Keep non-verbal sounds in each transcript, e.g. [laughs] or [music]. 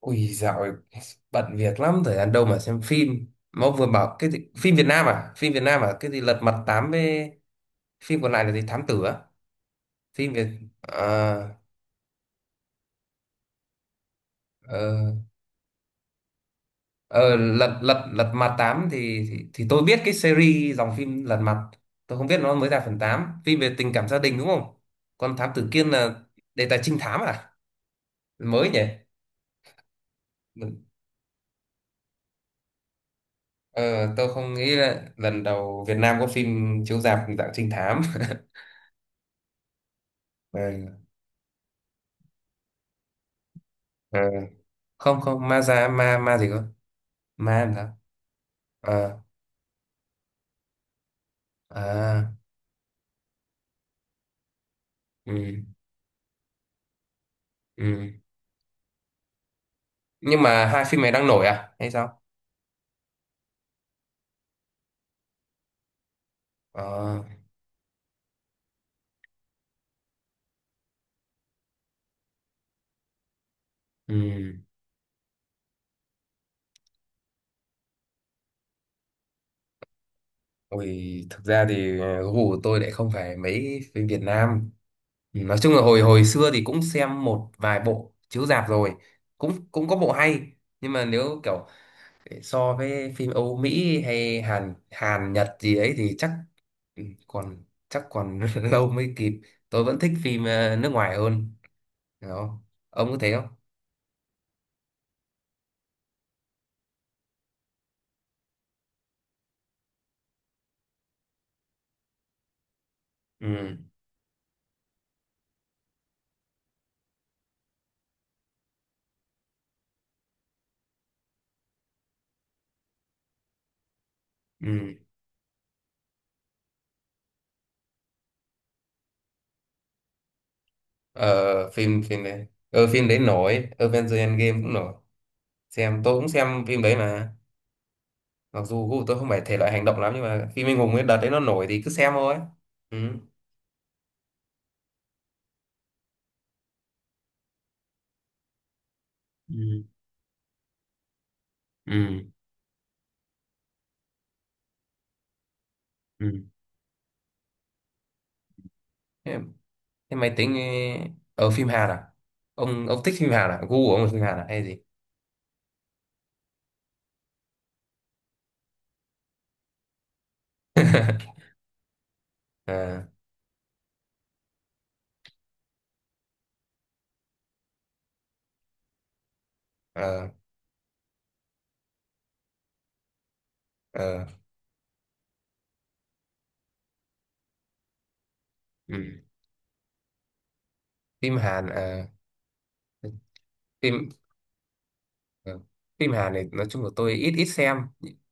Ui, dạo này bận việc lắm, thời gian đâu mà xem phim. Mà ông vừa bảo cái gì? Phim Việt Nam à? Cái gì Lật Mặt Tám với phim còn lại là gì? Thám Tử á? Phim Việt à? ờ, ờ, Lật Lật Lật Mặt Tám thì, thì tôi biết cái series dòng phim Lật Mặt, tôi không biết nó mới ra phần 8. Phim về tình cảm gia đình, đúng không? Còn Thám Tử Kiên là đề tài trinh thám à? Mới nhỉ. ờ, tôi không nghĩ là lần đầu Việt Nam có phim chiếu rạp dạng trinh thám. [laughs] Ờ. Ờ. Không, không, ma già, ma ma gì cơ? Ma làm sao? Ờ. À. Ừ. Ừ, nhưng mà hai phim này đang nổi à hay sao? Ờ. Ừ. Ui, thực ra thì gu của tôi lại không phải mấy phim Việt Nam. Ừ, nói chung là hồi hồi xưa thì cũng xem một vài bộ chiếu rạp rồi, cũng cũng có bộ hay. Nhưng mà nếu kiểu để so với phim Âu Mỹ hay Hàn Hàn Nhật gì ấy thì chắc, ừ, còn chắc còn [laughs] lâu mới kịp. Tôi vẫn thích phim nước ngoài hơn đó. Ông có thấy không? Ừ. Ừ. ờ, phim phim đấy, phim đấy nổi, Avengers Endgame cũng nổi. Xem, tôi cũng xem phim đấy mà. Mặc dù gu của tôi không phải thể loại hành động lắm, nhưng mà phim anh hùng ấy đợt đấy nó nổi thì cứ xem thôi. Ừ. Ừ. Ừ, ừ. Thế máy tính ở phim Hàn à? Ông thích phim Hàn à? Gu của ông là phim Hàn à hay gì? [laughs] Ờ. Ờ. Ờ. Ừ. Phim Hàn, phim, ờ, phim Hàn này nói chung là tôi ít ít xem.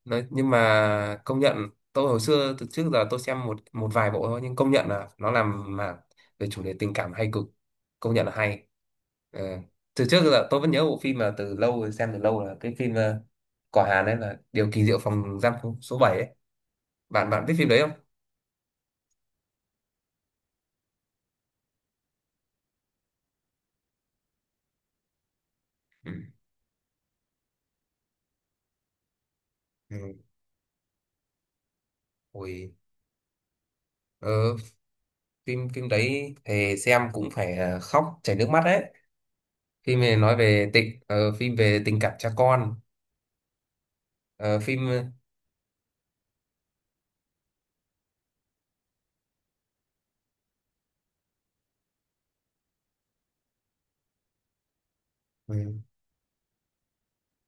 Nói, nhưng mà công nhận, tôi hồi xưa từ trước giờ tôi xem một một vài bộ thôi, nhưng công nhận là nó làm mà về chủ đề tình cảm hay cực, công nhận là hay. Ờ, từ trước giờ tôi vẫn nhớ bộ phim mà từ lâu rồi, xem từ lâu là cái phim của Hàn ấy là Điều kỳ diệu phòng giam số 7. Bạn bạn biết phim đấy không? Ừ. Ừ. Ôi, ờ, phim phim đấy thì xem cũng phải khóc chảy nước mắt đấy. Phim này nói về tình, phim về tình cảm cha con. Ờ, phim. Ừ.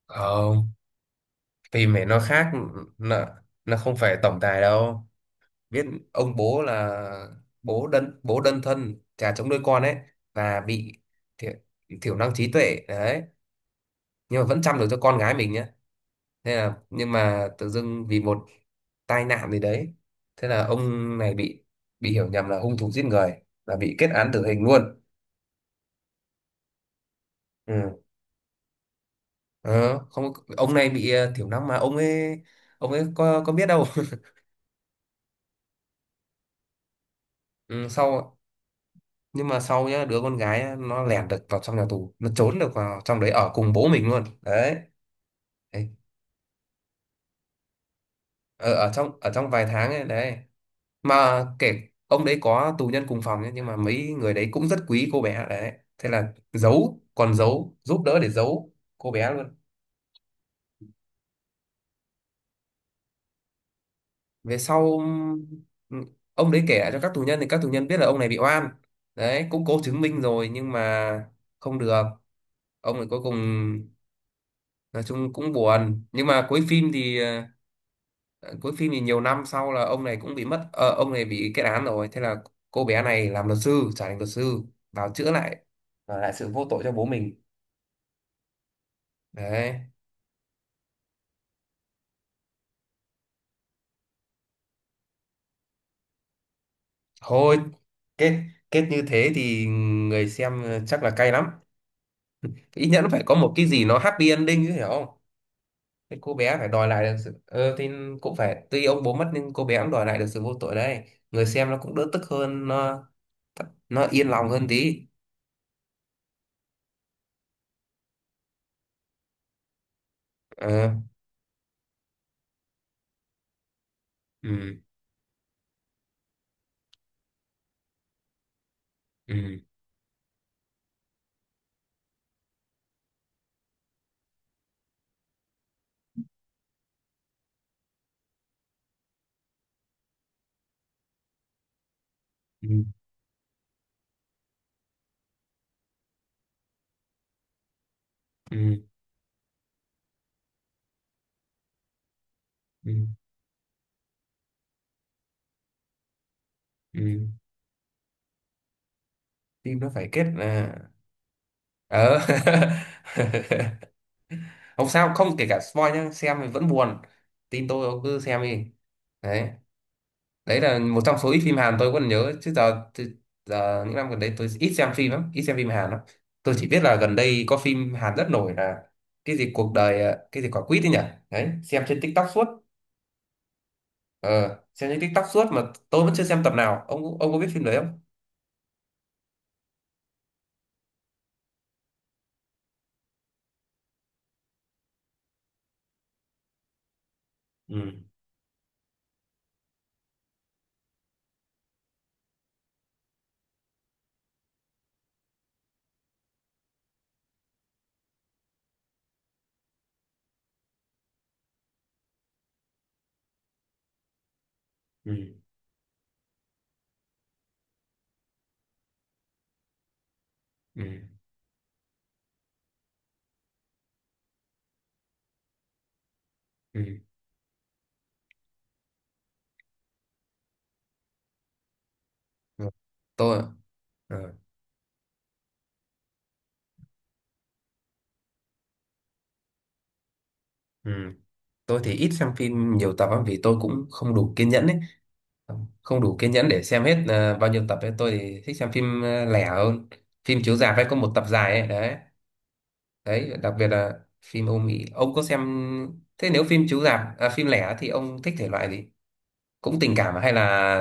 Không, phim này nó khác. Nó, nó không phải tổng tài đâu, biết ông bố là, bố đơn thân, cha chống nuôi con ấy, và bị thiểu, thiểu năng trí tuệ đấy, nhưng mà vẫn chăm được cho con gái mình nhá. Thế là nhưng mà tự dưng vì một tai nạn gì đấy, thế là ông này bị hiểu nhầm là hung thủ giết người và bị kết án tử hình luôn. Ừ. Ờ, không, ông này bị thiểu năng mà, ông ấy có biết đâu. [laughs] Ừ, sau, nhưng mà sau nhá, đứa con gái á, nó lẻn được vào trong nhà tù, nó trốn được vào trong đấy ở cùng bố mình luôn đấy. Đấy. Ở trong vài tháng ấy đấy, mà kể, ông đấy có tù nhân cùng phòng nhé, nhưng mà mấy người đấy cũng rất quý cô bé đấy, thế là giấu, còn giấu giúp đỡ để giấu cô bé luôn. Về sau, ừm, ông đấy kể lại cho các tù nhân thì các tù nhân biết là ông này bị oan đấy, cũng cố chứng minh rồi nhưng mà không được. Ông này cuối cùng, nói chung cũng buồn, nhưng mà cuối phim thì ờ, cuối phim thì nhiều năm sau là ông này cũng bị mất, ông này bị kết án rồi, thế là cô bé này làm luật sư, trở thành luật sư vào chữa lại, lại sự vô tội cho bố mình đấy. Thôi, kết, kết như thế thì người xem chắc là cay lắm. Ít nhất nó phải có một cái gì nó happy ending chứ, hiểu không? Cái cô bé phải đòi lại được sự thì cũng phải, tuy ông bố mất nhưng cô bé cũng đòi lại được sự vô tội đấy, người xem nó cũng đỡ tức hơn, nó yên lòng hơn tí. Ờ. Ừ. Ừ. Ừ. Ừ. Ừ. Ừ. Phim nó phải kết là, ờ. [laughs] Không sao, không kể cả spoil nhá, xem thì vẫn buồn, tin tôi, ông cứ xem đi đấy. Đấy là một trong số ít phim Hàn tôi còn nhớ, chứ giờ, chứ giờ những năm gần đây tôi ít xem phim lắm, ít xem phim Hàn lắm. Tôi chỉ biết là gần đây có phim Hàn rất nổi là cái gì cuộc đời à, cái gì quả quýt ấy nhỉ. Đấy, xem trên TikTok suốt. Ờ, xem trên TikTok suốt mà tôi vẫn chưa xem tập nào. Ông có biết phim đấy không? Ừ. Ừ. Ừ. Ừ. Ừ. Tôi ờ, ừ. Tôi thì ít xem phim nhiều tập lắm vì tôi cũng không đủ kiên nhẫn ấy, không đủ kiên nhẫn để xem hết bao nhiêu tập ấy. Tôi thì thích xem phim lẻ hơn, phim chiếu rạp hay có một tập dài ấy đấy. Đấy đặc biệt là phim Âu Mỹ, ông có xem? Thế nếu phim chiếu rạp à, phim lẻ thì ông thích thể loại gì? Cũng tình cảm hay là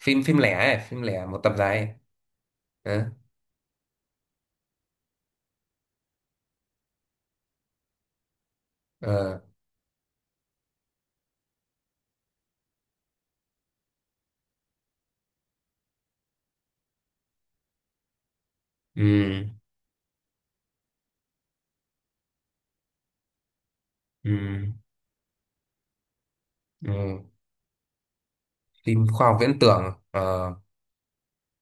phim phim lẻ ấy, phim lẻ một tập dài ấy? Ờ, ờ, ừ, ừ, ừ. Phim khoa học viễn tưởng, ờ,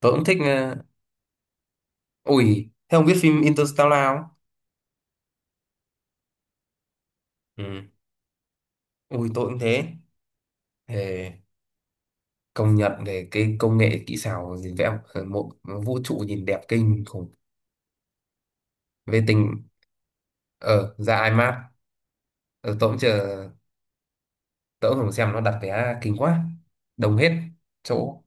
tôi cũng thích, ui thế ông biết phim Interstellar không? Ừ. Ui, tôi cũng thế. Ờ, công nhận về cái công nghệ kỹ xảo gì vẽ một vũ trụ nhìn đẹp kinh khủng. Về tình. Ờ, ra IMAX. Ờ, tớ cũng chờ. Tớ cũng không xem, nó đặt vé kinh quá, đông hết chỗ.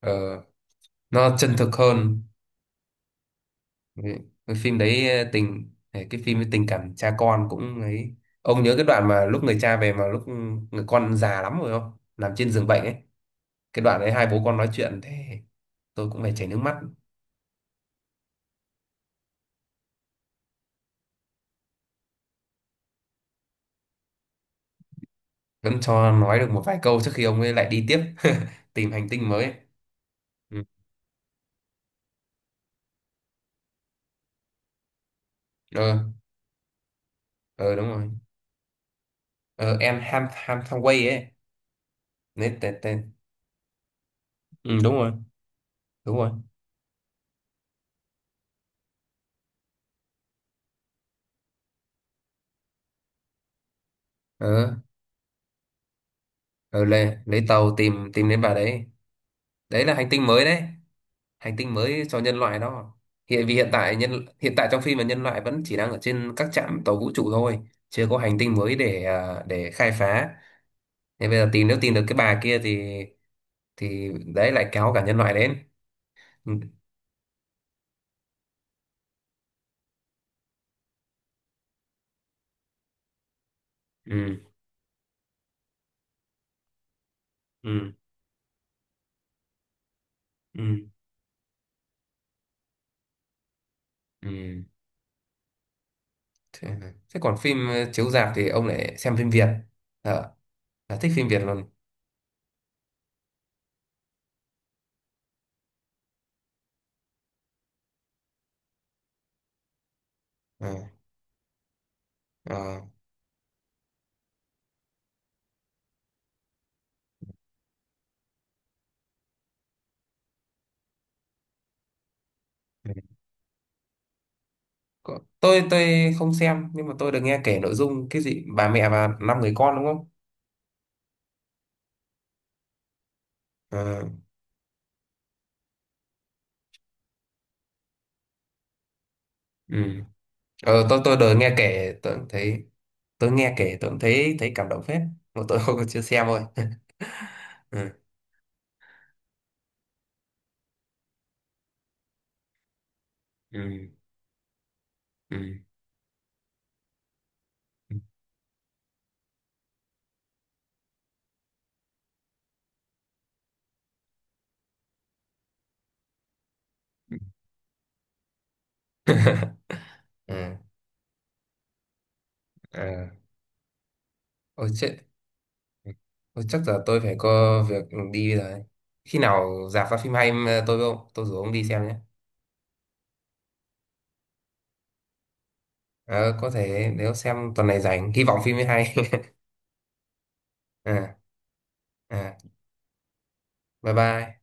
Ờ, nó chân thực hơn. Cái cái phim đấy tình, cái phim với tình cảm cha con cũng ấy, ông nhớ cái đoạn mà lúc người cha về, mà lúc người con già lắm rồi, không, nằm trên giường bệnh ấy, cái đoạn đấy hai bố con nói chuyện thế, tôi cũng phải chảy nước mắt. Vẫn cho nói được một vài câu trước khi ông ấy lại đi tiếp. [laughs] Tìm hành tinh mới ấy. Ừ. Ờ, ờ, đúng rồi. Ờ, em Ham Ham Thangway ấy. Lấy tên tên ừ, đúng rồi. Đúng rồi. Ờ, ờ, lấy tàu tìm tìm đến bà đấy. Đấy là hành tinh mới đấy, hành tinh mới cho nhân loại đó. Hiện, vì hiện tại nhân, hiện tại trong phim là nhân loại vẫn chỉ đang ở trên các trạm tàu vũ trụ thôi, chưa có hành tinh mới để à, để khai phá, nên bây giờ tìm, nếu tìm được cái bà kia thì đấy lại kéo cả nhân loại đến. Ừ. Ừ. Ừ. Ừ. Ừ. Thế, thế còn phim chiếu rạp thì ông lại xem phim Việt. Ờ, là thích phim Việt luôn. Ờ, ờ. Ừ. Có. Tôi không xem nhưng mà tôi được nghe kể nội dung cái gì bà mẹ và 5 người con đúng không? Ờ, ừ. Ờ, tôi được nghe kể tôi cũng thấy, tôi nghe kể tôi cũng thấy, thấy cảm động phết, mà tôi không có, chưa xem thôi. [laughs] Ừ. Ừ. Ừ. [laughs] Ừ. Ờ. Ôi chết. Thôi chắc giờ tôi phải có việc đi rồi. Khi nào rạp ra phim hay em, tôi với ông, tôi rủ ông đi xem nhé. Ờ, có thể nếu xem tuần này rảnh, hy vọng phim mới hay. [laughs] À, à, bye bye.